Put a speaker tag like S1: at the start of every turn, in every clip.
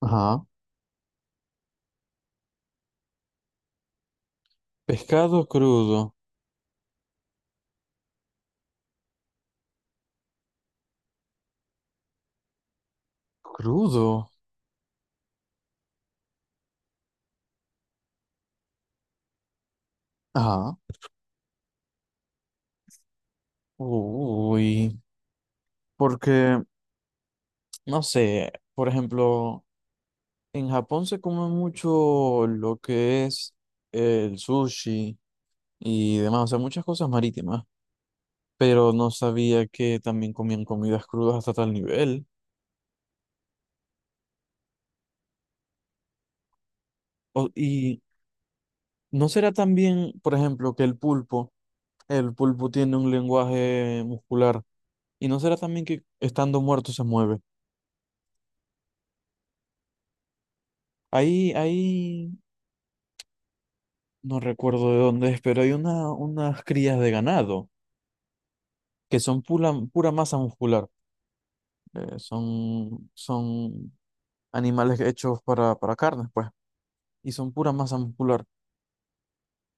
S1: Ajá. Pescado crudo. Crudo. Ajá. Uy. Porque no sé, por ejemplo, en Japón se come mucho lo que es el sushi y demás, o sea, muchas cosas marítimas, pero no sabía que también comían comidas crudas hasta tal nivel. Y no será también, por ejemplo, que el pulpo tiene un lenguaje muscular, y no será también que estando muerto se mueve. Ahí. No recuerdo de dónde es, pero hay unas crías de ganado que son pura masa muscular. Son animales hechos para carnes, pues, y son pura masa muscular.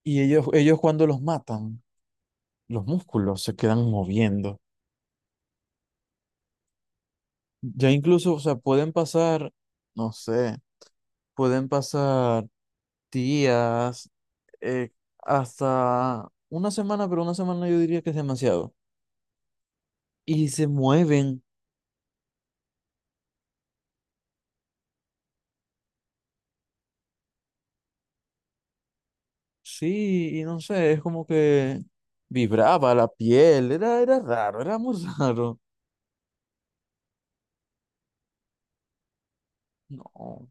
S1: Y ellos cuando los matan, los músculos se quedan moviendo. Ya incluso, o sea, no sé, pueden pasar días, eh, hasta una semana, pero una semana yo diría que es demasiado. Y se mueven. Sí, y no sé, es como que vibraba la piel, era raro, era muy raro. No,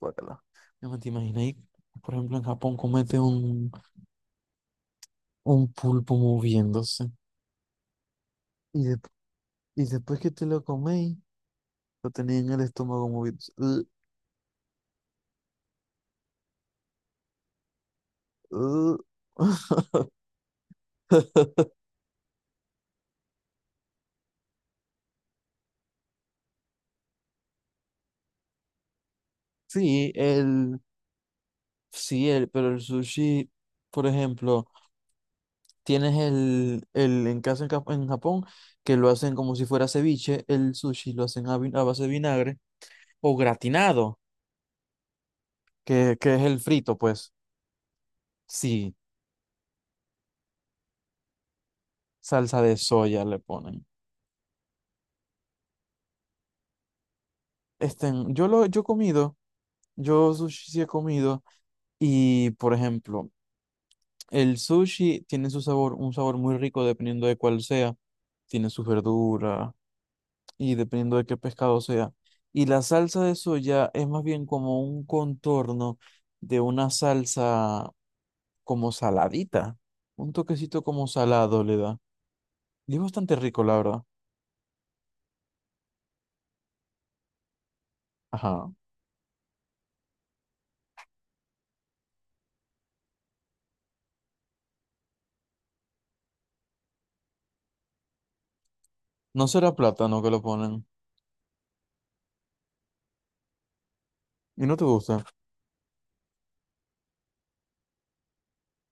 S1: guácala. No me te imaginas, ahí, por ejemplo, en Japón comete un pulpo moviéndose. Y, de- y después que te lo coméis, lo tenía en el estómago moviéndose. Ugh, ugh. Sí, el, sí, el, pero el sushi, por ejemplo. Tienes el en casa en, en Japón, que lo hacen como si fuera ceviche, el sushi lo hacen a base de vinagre, o gratinado, que es el frito, pues. Sí, salsa de soya le ponen. Este, yo he comido, yo sushi sí he comido, y por ejemplo, el sushi tiene su sabor, un sabor muy rico dependiendo de cuál sea. Tiene sus verduras, y dependiendo de qué pescado sea. Y la salsa de soya es más bien como un contorno de una salsa como saladita, un toquecito como salado le da. Y es bastante rico, la verdad. Ajá. No será plátano que lo ponen. ¿Y no te gusta?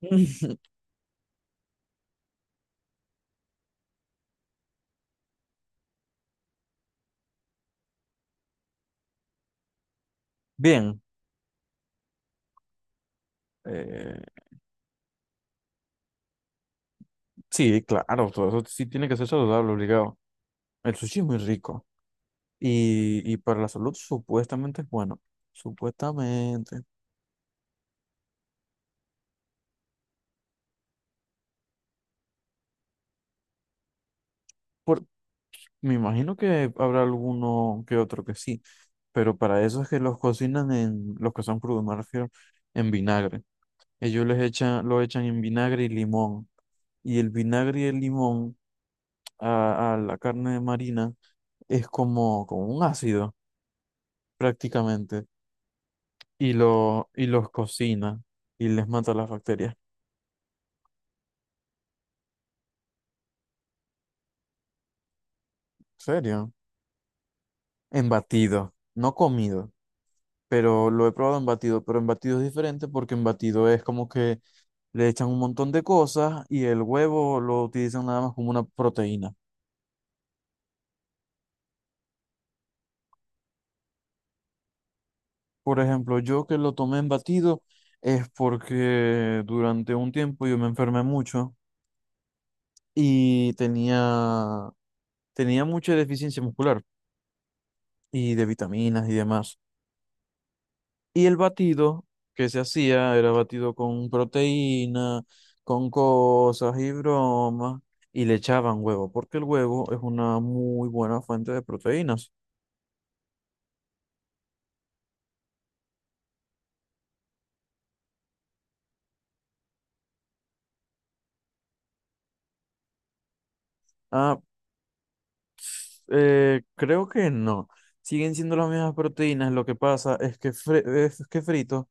S1: Bien. eh, sí, claro, todo eso sí tiene que ser saludable, obligado. El sushi es muy rico. Y para la salud supuestamente es bueno. Supuestamente. Por- Me imagino que habrá alguno que otro que sí, pero para eso es que los cocinan en, los que son crudos, me refiero, en vinagre. Ellos les echan, lo echan en vinagre y limón. Y el vinagre y el limón a la carne marina es como un ácido, prácticamente. Y los cocina y les mata las bacterias. ¿En serio? En batido, no comido, pero lo he probado en batido, pero en batido es diferente porque en batido es como que le echan un montón de cosas y el huevo lo utilizan nada más como una proteína. Por ejemplo, yo que lo tomé en batido es porque durante un tiempo yo me enfermé mucho y tenía mucha deficiencia muscular y de vitaminas y demás. Y el batido que se hacía era batido con proteína, con cosas y bromas, y le echaban huevo, porque el huevo es una muy buena fuente de proteínas. Ah, creo que no. Siguen siendo las mismas proteínas. Lo que pasa es que, es que frito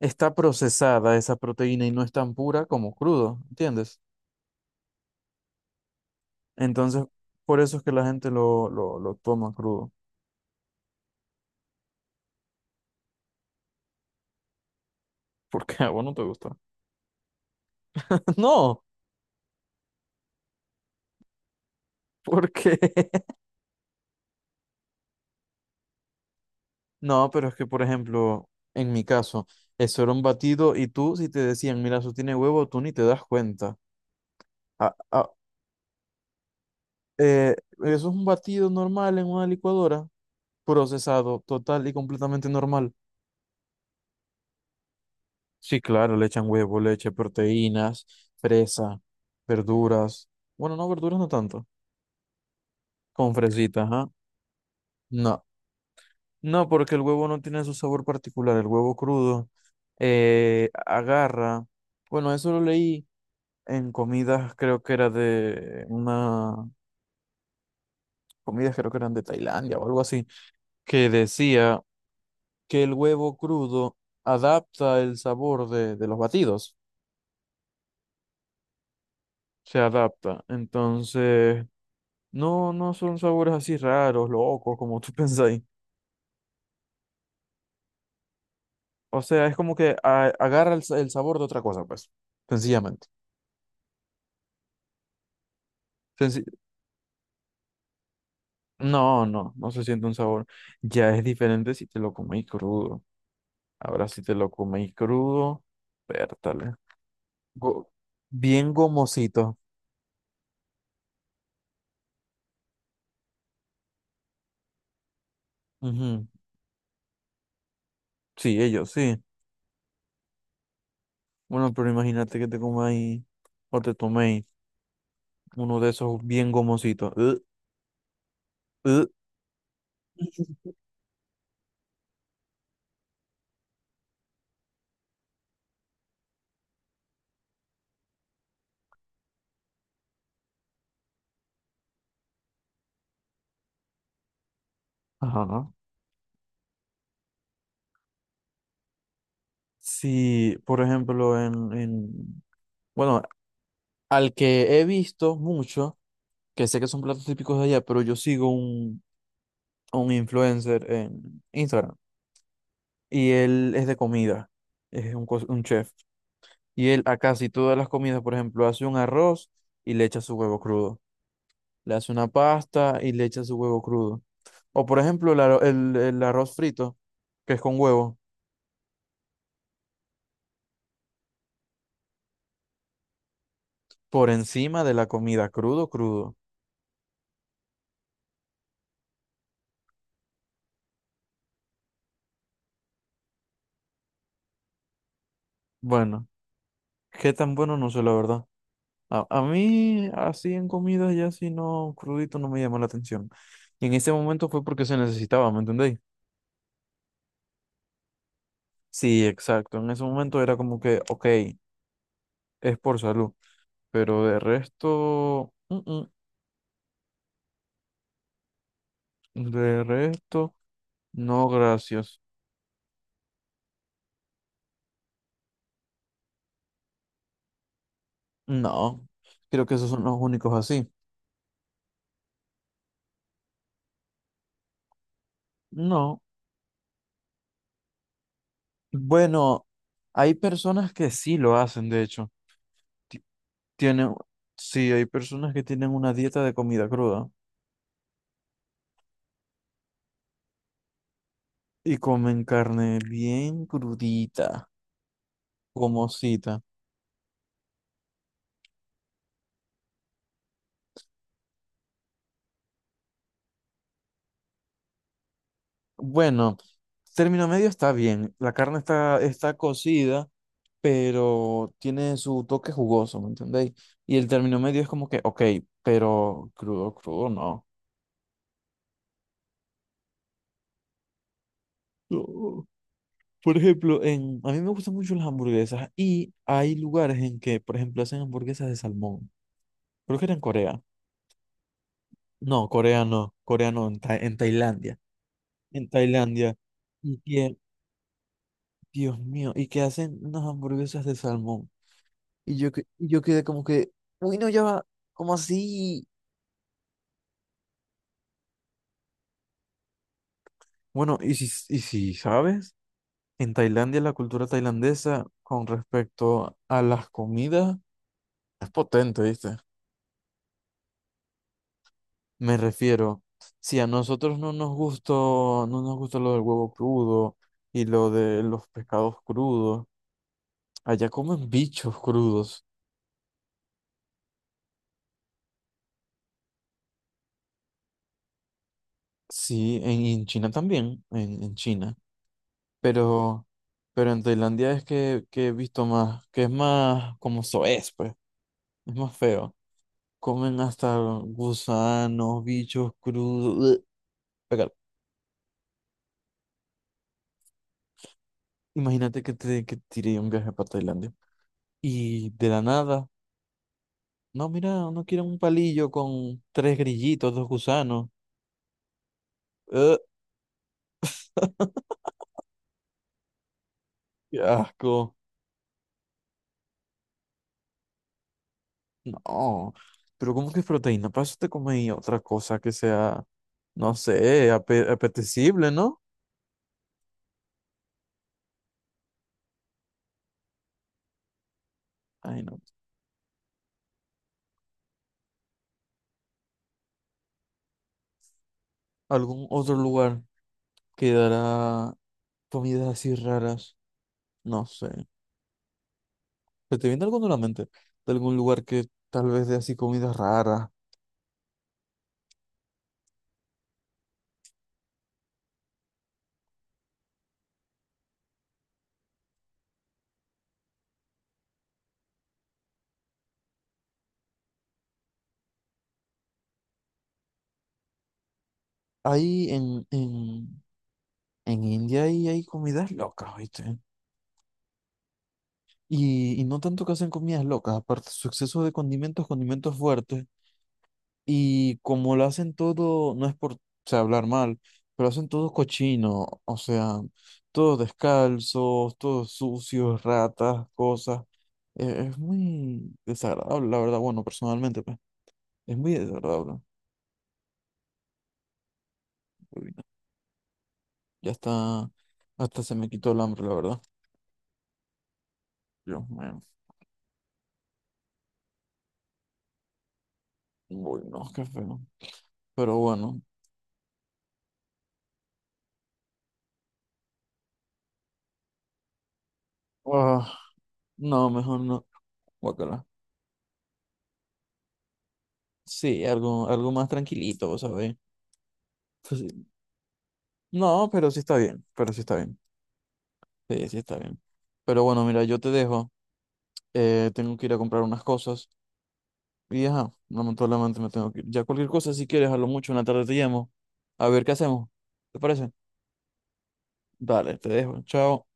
S1: está procesada esa proteína y no es tan pura como crudo, ¿entiendes? Entonces, por eso es que la gente lo toma crudo. Porque a vos no te gusta. No, porque no, pero es que, por ejemplo, en mi caso, eso era un batido y tú, si te decían, mira, eso tiene huevo, tú ni te das cuenta. Ah, ah, eh, eso es un batido normal en una licuadora, procesado, total y completamente normal. Sí, claro, le echan huevo, leche, proteínas, fresa, verduras. Bueno, no, verduras no tanto. Con fresitas, ajá. No, no, porque el huevo no tiene su sabor particular. El huevo crudo agarra. Bueno, eso lo leí en comidas, creo que era de una. Comidas creo que eran de Tailandia o algo así, que decía que el huevo crudo adapta el sabor de los batidos. Se adapta. Entonces, no son sabores así raros, locos, como tú pensáis. O sea, es como que agarra el sabor de otra cosa, pues, sencillamente. Senci- no, no se siente un sabor. Ya es diferente si te lo coméis crudo. Ahora, si te lo coméis crudo, pértale. Go- Bien gomosito. Ujú. Sí, ellos, sí. Bueno, pero imagínate que te comáis o te toméis uno de esos bien gomositos. Ugh, ugh. Ajá. Sí, por ejemplo, bueno, al que he visto mucho, que sé que son platos típicos de allá, pero yo sigo a un influencer en Instagram y él es de comida, es un, un chef. Y él a casi todas las comidas, por ejemplo, hace un arroz y le echa su huevo crudo. Le hace una pasta y le echa su huevo crudo. O, por ejemplo, el arroz frito, que es con huevo, por encima de la comida, crudo, crudo. Bueno, qué tan bueno no sé, la verdad. A mí, así en comidas ya así no, crudito no me llamó la atención. Y en ese momento fue porque se necesitaba, ¿me entendéis? Sí, exacto. En ese momento era como que, ok, es por salud. Pero de resto, de resto, no, gracias. No, creo que esos son los únicos así. No. Bueno, hay personas que sí lo hacen, de hecho. Ti- Tienen, sí, hay personas que tienen una dieta de comida cruda. Y comen carne bien crudita, gomosita. Bueno, término medio está bien. La carne está cocida, pero tiene su toque jugoso, ¿me entendéis? Y el término medio es como que, ok, pero crudo, crudo, no. No. Por ejemplo, en, a mí me gustan mucho las hamburguesas y hay lugares en que, por ejemplo, hacen hamburguesas de salmón. Creo que era en Corea. No, Corea no, en, en Tailandia. En Tailandia. Y Dios mío, y que hacen unas hamburguesas de salmón. Y yo, quedé como que, uy, no, ya va, ¿cómo así? Bueno, y si sabes, en Tailandia la cultura tailandesa con respecto a las comidas es potente, ¿viste? Me refiero, si a nosotros no nos gustó, no nos gustó lo del huevo crudo y lo de los pescados crudos, allá comen bichos crudos. Sí, en China también, en China. Pero, pero en Tailandia es que he visto más, que es más como soez, pues, es más feo. Comen hasta gusanos, bichos crudos. Ugh. Pegar. Imagínate que te tiré un viaje para Tailandia. Y de la nada, no, mira, no quieren un palillo con tres grillitos, dos gusanos. Ugh, qué asco. No, pero ¿cómo que es proteína? Para eso te comes otra cosa que sea, no sé, apetecible, ¿no? Ay, no. Algún otro lugar que dará comidas así raras. No sé. ¿Se te viene alguno a la mente? De algún lugar que tal vez dé así comidas raras. Ahí en India ahí hay comidas locas, ¿viste? Y no tanto que hacen comidas locas, aparte su exceso de condimentos, condimentos fuertes. Y como lo hacen todo, no es por, o sea, hablar mal, pero hacen todo cochino, o sea, todos descalzos, todos sucios, ratas, cosas. Es muy desagradable, la verdad, bueno, personalmente, pues, es muy desagradable. Uy, no, ya está, hasta se me quitó el hambre, la verdad. Dios mío, uy, no, qué feo. Pero bueno, ah, no, mejor no. Guácala. Sí, algo, algo más tranquilito, ¿sabes? No, pero sí está bien, pero sí está bien. Sí, sí, está bien. Pero bueno, mira, yo te dejo. Tengo que ir a comprar unas cosas. Y ajá, lamentablemente me tengo que ir. Ya cualquier cosa, si quieres, a lo mucho en la tarde te llamo. A ver qué hacemos. ¿Te parece? Dale, te dejo. Chao.